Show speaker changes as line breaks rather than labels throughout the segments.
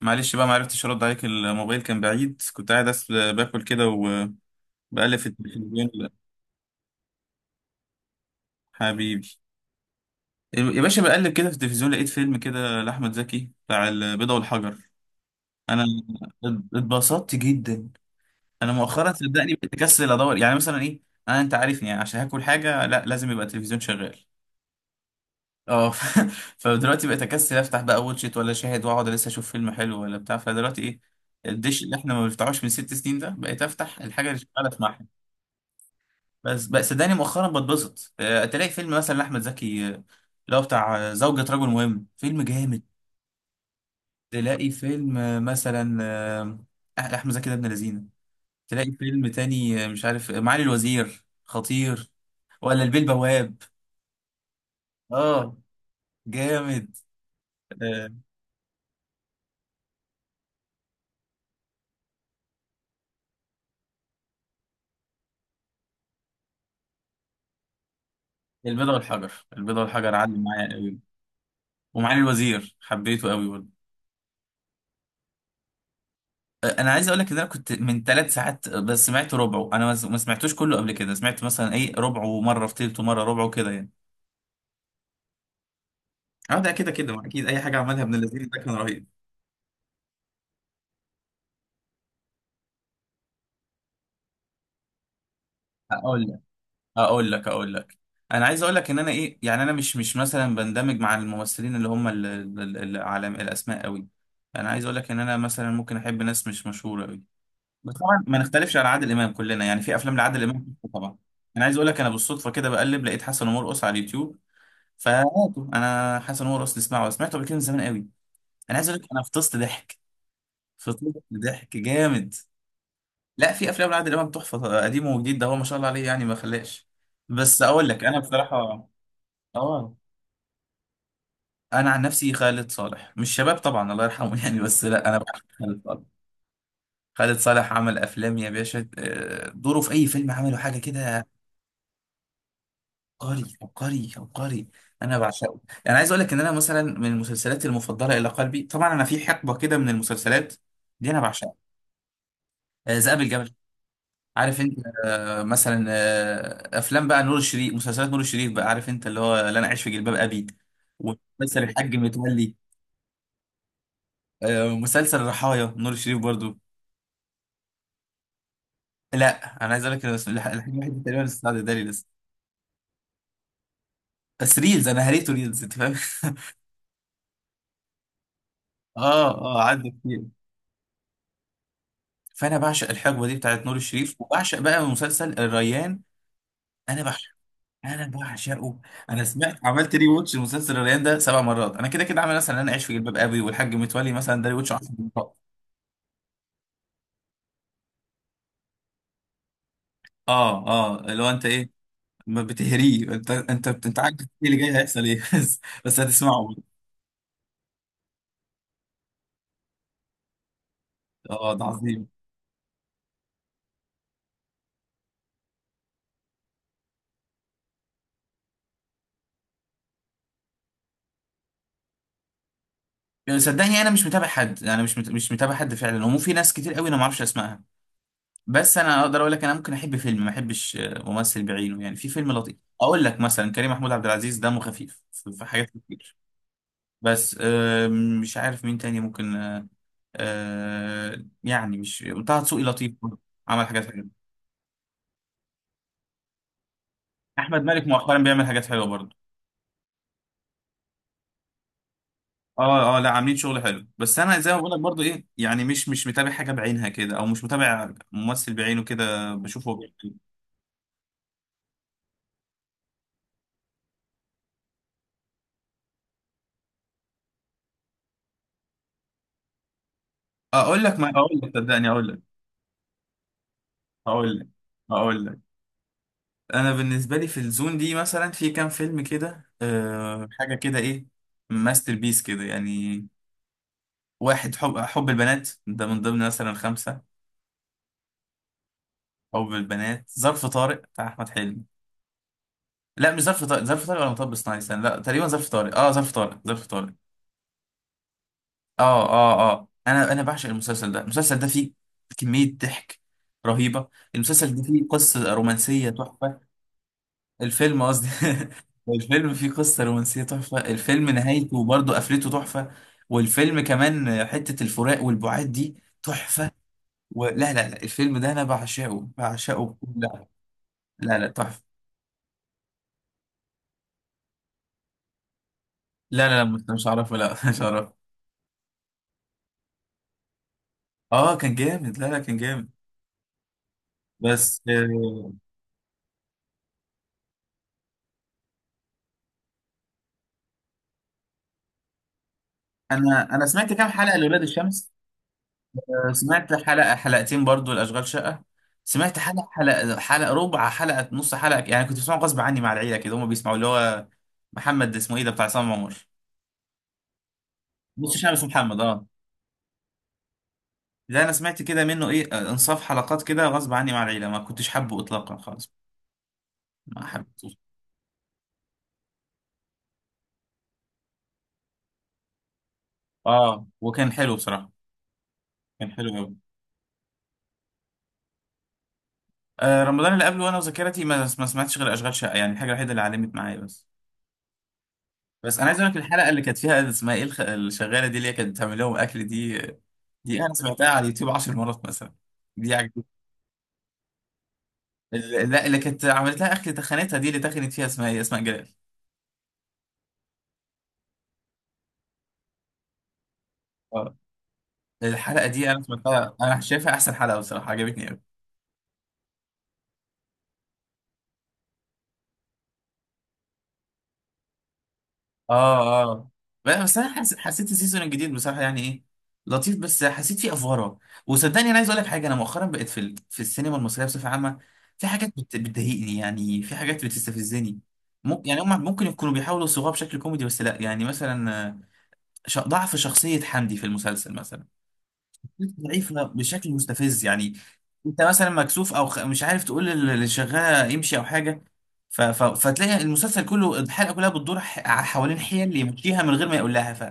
معلش بقى ما عرفتش ارد عليك. الموبايل كان بعيد، كنت قاعد باكل كده وبقلب في التلفزيون. لا، حبيبي يا باشا، بقلب كده في التلفزيون لقيت فيلم كده لاحمد زكي بتاع البيضة والحجر. انا اتبسطت جدا. انا مؤخرا صدقني بقيت اكسل ادور يعني مثلا ايه. انا انت عارفني يعني، عشان هاكل حاجه لا لازم يبقى التلفزيون شغال. اه فدلوقتي بقيت اكسل افتح بقى واتشيت ولا شاهد، واقعد لسه اشوف فيلم حلو ولا بتاع. فدلوقتي ايه، الدش اللي احنا ما بنفتحوش من 6 سنين ده، بقيت افتح الحاجه اللي شغاله اسمعها. بس بس صدقني مؤخرا بتبسط، تلاقي فيلم مثلا لأحمد زكي، اللي هو بتاع زوجة رجل مهم، فيلم جامد. تلاقي فيلم، مثلا أحمد زكي ده ابن لذينه. تلاقي فيلم تاني مش عارف، معالي الوزير، خطير. ولا البيه البواب. اه جامد. آه، البيضة والحجر، البيضة والحجر علم معايا قوي. ومعالي الوزير حبيته قوي برضه. انا عايز اقول لك ان انا كنت من 3 ساعات بس سمعت ربعه، انا ما سمعتوش كله. قبل كده سمعت مثلا ايه ربعه مره، في تلته مره ربعه كده يعني. اه، ده كده كده ما اكيد اي حاجه عملها ابن الذين ده كان رهيب. اقول لك اقول لك. انا عايز اقول لك ان انا ايه يعني، انا مش مثلا بندمج مع الممثلين اللي هم العالم الاسماء قوي. انا عايز اقول لك ان انا مثلا ممكن احب ناس مش مشهوره قوي. بس طبعا ما نختلفش على عادل امام، كلنا يعني في افلام لعادل امام طبعا. انا عايز اقول لك، انا بالصدفه كده بقلب لقيت حسن ومرقص على اليوتيوب. فهاته انا حسن ومرقص نسمعه، سمعته قبل كده من زمان قوي. انا عايز اقول لك انا فطست ضحك، فطست ضحك جامد. لا في افلام لعادل امام تحفه، قديم وجديد، ده هو ما شاء الله عليه يعني ما خلاش. بس اقول لك انا بصراحه، اه، انا عن نفسي خالد صالح، مش شباب طبعا الله يرحمه يعني، بس لا انا بحب خالد صالح. خالد صالح عمل افلام يا باشا، دوره في اي فيلم عمله حاجه كده. عبقري عبقري عبقري، انا بعشقه. انا عايز اقول لك ان انا مثلا من المسلسلات المفضله الى قلبي، طبعا انا في حقبه كده من المسلسلات دي انا بعشقها. ذئاب الجبل، عارف انت. مثلا افلام بقى نور الشريف، مسلسلات نور الشريف بقى، عارف انت اللي هو لا انا عايش في جلباب ابي، ومسلسل الحاج متولي، ومسلسل الرحايا، نور الشريف برضو. لا انا عايز اقول لك، أنا الحاج الوحيد تقريبا اللي استعد ده لي لسه. بس ريلز، انا هريته ريلز انت فاهم اه اه عدى كتير. فانا بعشق الحقبه دي بتاعت نور الشريف، وبعشق بقى مسلسل الريان. انا بعشق، انا بعشقه. انا سمعت، عملت ري واتش لمسلسل الريان ده 7 مرات. انا كده كده عامل مثلا انا عايش في جلباب ابي والحاج متولي مثلا ده ري واتش 10 مرات. اه اه، اللي هو انت ايه، ما بتهريه انت، انت عارف ايه اللي جاي، هيحصل ايه بس بس هتسمعه. اه ده عظيم. صدقني انا مش متابع حد، انا مش مت... مش متابع حد فعلا، ومو في ناس كتير قوي انا ما اعرفش اسمائها. بس انا اقدر اقول لك انا ممكن احب فيلم ما احبش ممثل بعينه. يعني في فيلم لطيف اقول لك مثلا، كريم محمود عبد العزيز دمه خفيف في في حاجات كتير. بس مش عارف مين تاني ممكن، يعني مش طه دسوقي لطيف برضه، عمل حاجات حلوه. احمد مالك مؤخرا بيعمل حاجات حلوه برضه. اه اه لا عاملين شغل حلو، بس انا زي ما بقول لك برضو ايه يعني، مش متابع حاجه بعينها كده، او مش متابع ممثل بعينه كده بشوفه هو بيعمل إيه. اقول لك ما اقول لك صدقني اقول لك اقول لك اقول لك انا بالنسبه لي في الزون دي مثلا في كام فيلم كده، أه حاجه كده ايه ماستر بيس كده يعني. واحد، حب البنات ده من ضمن مثلا خمسه. حب البنات، ظرف طارق بتاع احمد حلمي. لا مش ظرف طارق، ظرف طارق ولا مطب صناعي، استنى، لا تقريبا ظرف طارق، اه ظرف طارق، ظرف طارق. اه اه اه، انا بعشق المسلسل ده. المسلسل ده فيه كمية ضحك رهيبة. المسلسل ده فيه قصة رومانسية تحفة. الفيلم قصدي الفيلم فيه قصة رومانسية تحفة. الفيلم نهايته برضه قفلته تحفة. والفيلم كمان حتة الفراق والبعاد دي تحفة. ولا لا لا لا، الفيلم ده انا بعشقه، بعشقه لا، لا لا تحفة. لا لا لا مش مش عارفه، لا مش عارفه. اه كان جامد، لا لا كان جامد. بس انا انا سمعت كام حلقة لولاد الشمس. سمعت حلقة حلقتين برضو الأشغال شقة. سمعت حلقة، حلقة، حلقة، ربع حلقة، نص حلقة يعني، كنت بسمعه غصب عني مع العيلة كده، هما بيسمعوا اللي هو محمد، اسمه ايه ده، بتاع عصام عمر، نص شعب، اسمه محمد اه. ده انا سمعت كده منه ايه انصاف حلقات كده غصب عني مع العيلة، ما كنتش حابه اطلاقا خالص. ما حبيتهوش. اه وكان حلو بصراحة، كان حلو قوي. آه رمضان اللي قبله، وانا وذاكرتي ما سمعتش غير اشغال شقة، يعني الحاجة الوحيدة اللي علمت معايا بس. بس انا عايز اقول لك الحلقة اللي كانت فيها اسمها ايه الشغالة دي اللي هي كانت بتعمل لهم اكل دي، دي انا سمعتها على اليوتيوب 10 مرات مثلا، دي عجبتني. لا اللي كانت عملت لها اخر تخانتها دي، اللي تخنت فيها اسمها ايه اسماء جلال. اه، الحلقه دي انا سمعتها، انا شايفها احسن حلقه بصراحه، عجبتني قوي. اه اه بس انا حسيت السيزون الجديد بصراحه يعني ايه، لطيف، بس حسيت فيه افوره. وصدقني انا عايز اقول لك حاجه، انا مؤخرا بقيت في ال... في السينما المصريه بصفه عامه في حاجات بتضايقني يعني، في حاجات بتستفزني. ممكن يعني هم ممكن يكونوا بيحاولوا يصوغوها بشكل كوميدي، بس لا يعني مثلا، ضعف شخصيه حمدي في المسلسل مثلا، ضعيفة بشكل مستفز يعني. انت مثلا مكسوف او مش عارف تقول اللي شغالة يمشي او حاجة، فتلاقي المسلسل كله، الحلقة كلها بتدور حوالين حيل يمشيها من غير ما يقول لها. ف،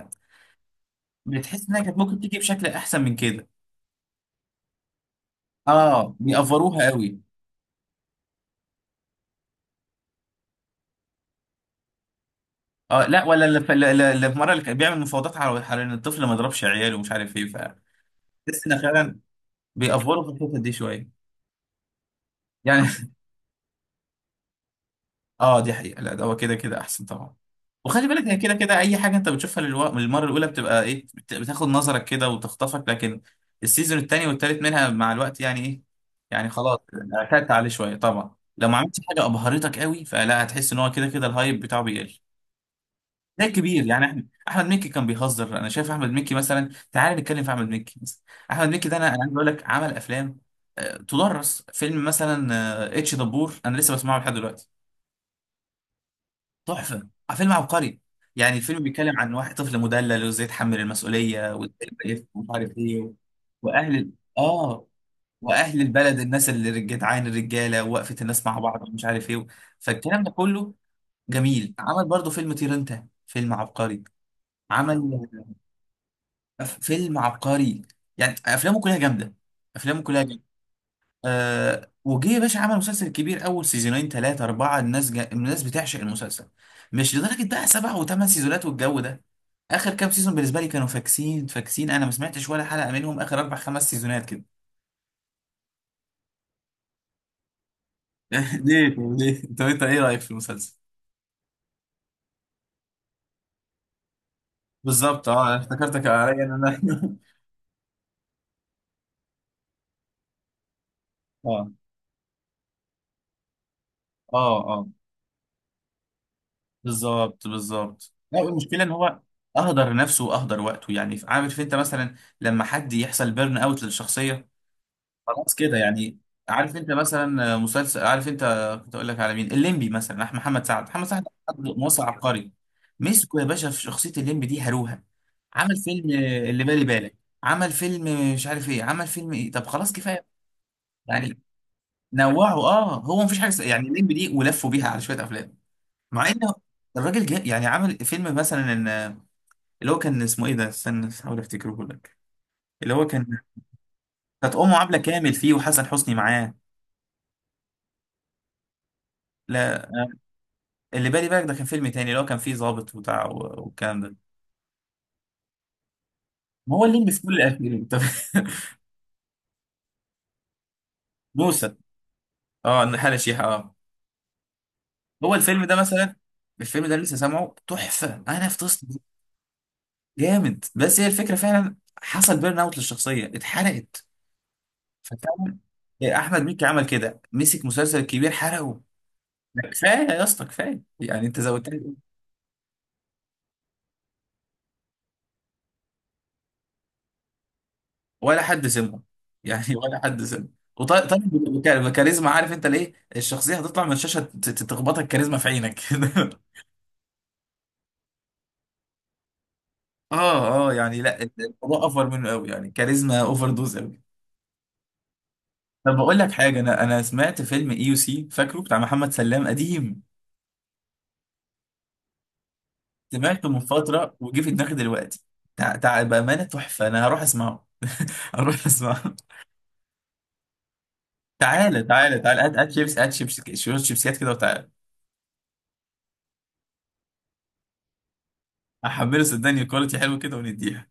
بتحس انها كانت ممكن تيجي بشكل احسن من كده. اه بيأفروها قوي. اه لا، ولا اللي في، اللي اللي في مرة اللي كان بيعمل مفاوضات على ان الطفل ما يضربش عياله ومش عارف ايه، ف، بس ان فعلا بيأفروا في الحتة دي شوية يعني اه دي حقيقة، لا ده هو كده كده احسن طبعا. وخلي بالك هي كده كده اي حاجة انت بتشوفها للمرة الاولى بتبقى ايه، بتاخد نظرك كده وتخطفك، لكن السيزون التاني والتالت منها مع الوقت يعني ايه، يعني خلاص اعتدت عليه شوية طبعا، لو ما عملتش حاجة ابهرتك قوي، فلا هتحس ان هو كده كده الهايب بتاعه بيقل. ده كبير يعني، احنا احمد مكي كان بيهزر، انا شايف احمد مكي مثلا، تعال نتكلم في احمد مكي مثلا. احمد مكي ده انا عايز اقول لك عمل افلام، تدرس فيلم مثلا اتش دبور، انا لسه بسمعه لحد دلوقتي. تحفه، فيلم عبقري. يعني الفيلم بيتكلم عن واحد طفل مدلل، وازاي يتحمل المسؤوليه وازاي يبقى يفهم ومش عارف ايه واهل ال- اه واهل البلد، الناس اللي جدعان، الرجاله ووقفه الناس مع بعض ومش عارف ايه. فالكلام ده كله جميل. عمل برضه فيلم طير انت، فيلم عبقري. عمل فيلم عبقري. يعني افلامه كلها جامده، افلامه كلها. آه وجه يا باشا عمل مسلسل كبير، اول سيزونين ثلاثه اربعه الناس بتعشق المسلسل. مش لدرجه بقى سبع وثمان سيزونات والجو ده. اخر كام سيزون بالنسبه لي كانوا فاكسين فاكسين، انا ما سمعتش ولا حلقه منهم اخر اربع خمس سيزونات كده ليه، طب ليه، طب انت ايه رايك في المسلسل؟ بالظبط، اه انا افتكرتك عليا ان انا اه اه اه، بالظبط بالظبط، لا المشكله ان هو اهدر نفسه واهدر وقته يعني، عارف انت مثلا لما حد يحصل بيرن اوت للشخصيه، خلاص كده يعني. عارف انت مثلا مسلسل، عارف انت، كنت اقول لك على مين، الليمبي مثلا، محمد سعد، محمد سعد، حد مصري عبقري، مسكه يا باشا في شخصيه الليمبي دي هروها. عمل فيلم اللي بالي بالك، عمل فيلم مش عارف ايه، عمل فيلم ايه، طب خلاص كفايه يعني. نوعه اه، هو مفيش حاجه يعني الليمبي دي ولفوا بيها على شويه افلام. مع ان الراجل جاء يعني عمل فيلم مثلا اللي هو كان اسمه ايه ده، استنى احاول افتكره لك. اللي هو كان كانت امه عبله كامل فيه وحسن حسني معاه. لا، اللي بالي بالك ده كان فيلم تاني، اللي هو كان فيه ظابط وبتاع والكلام ده. ما هو الليمبي في كل الافلام، طب موسى، اه الحالة شيحة اه. هو الفيلم ده مثلا، الفيلم ده لسه سامعه تحفة، انا في تصل جامد، بس هي الفكرة فعلا حصل بيرن اوت للشخصية، اتحرقت. ففعلا احمد مكي عمل كده، مسك مسلسل كبير حرقه. لا، كفاية يا اسطى، كفاية يعني انت زودت. ولا حد سمعه يعني، ولا حد سمعه. وطيب الكاريزما، عارف انت ليه، الشخصيه هتطلع من الشاشه تخبطك كاريزما في عينك كده اه اه يعني لا، الموضوع اوفر منه قوي يعني، كاريزما اوفر دوز قوي. طب بقول لك حاجه، انا سمعت فيلم اي يو سي، فاكره، بتاع محمد سلام قديم، سمعته من فتره وجه في دماغي دلوقتي. بامانه تحفه، انا هروح اسمعه هروح اسمعه. تعالى تعالى تعالى، هات شيبس، هات شيبس، شوية شيبسيات كده وتعالى. هحمله صدقني كواليتي حلو كده ونديها.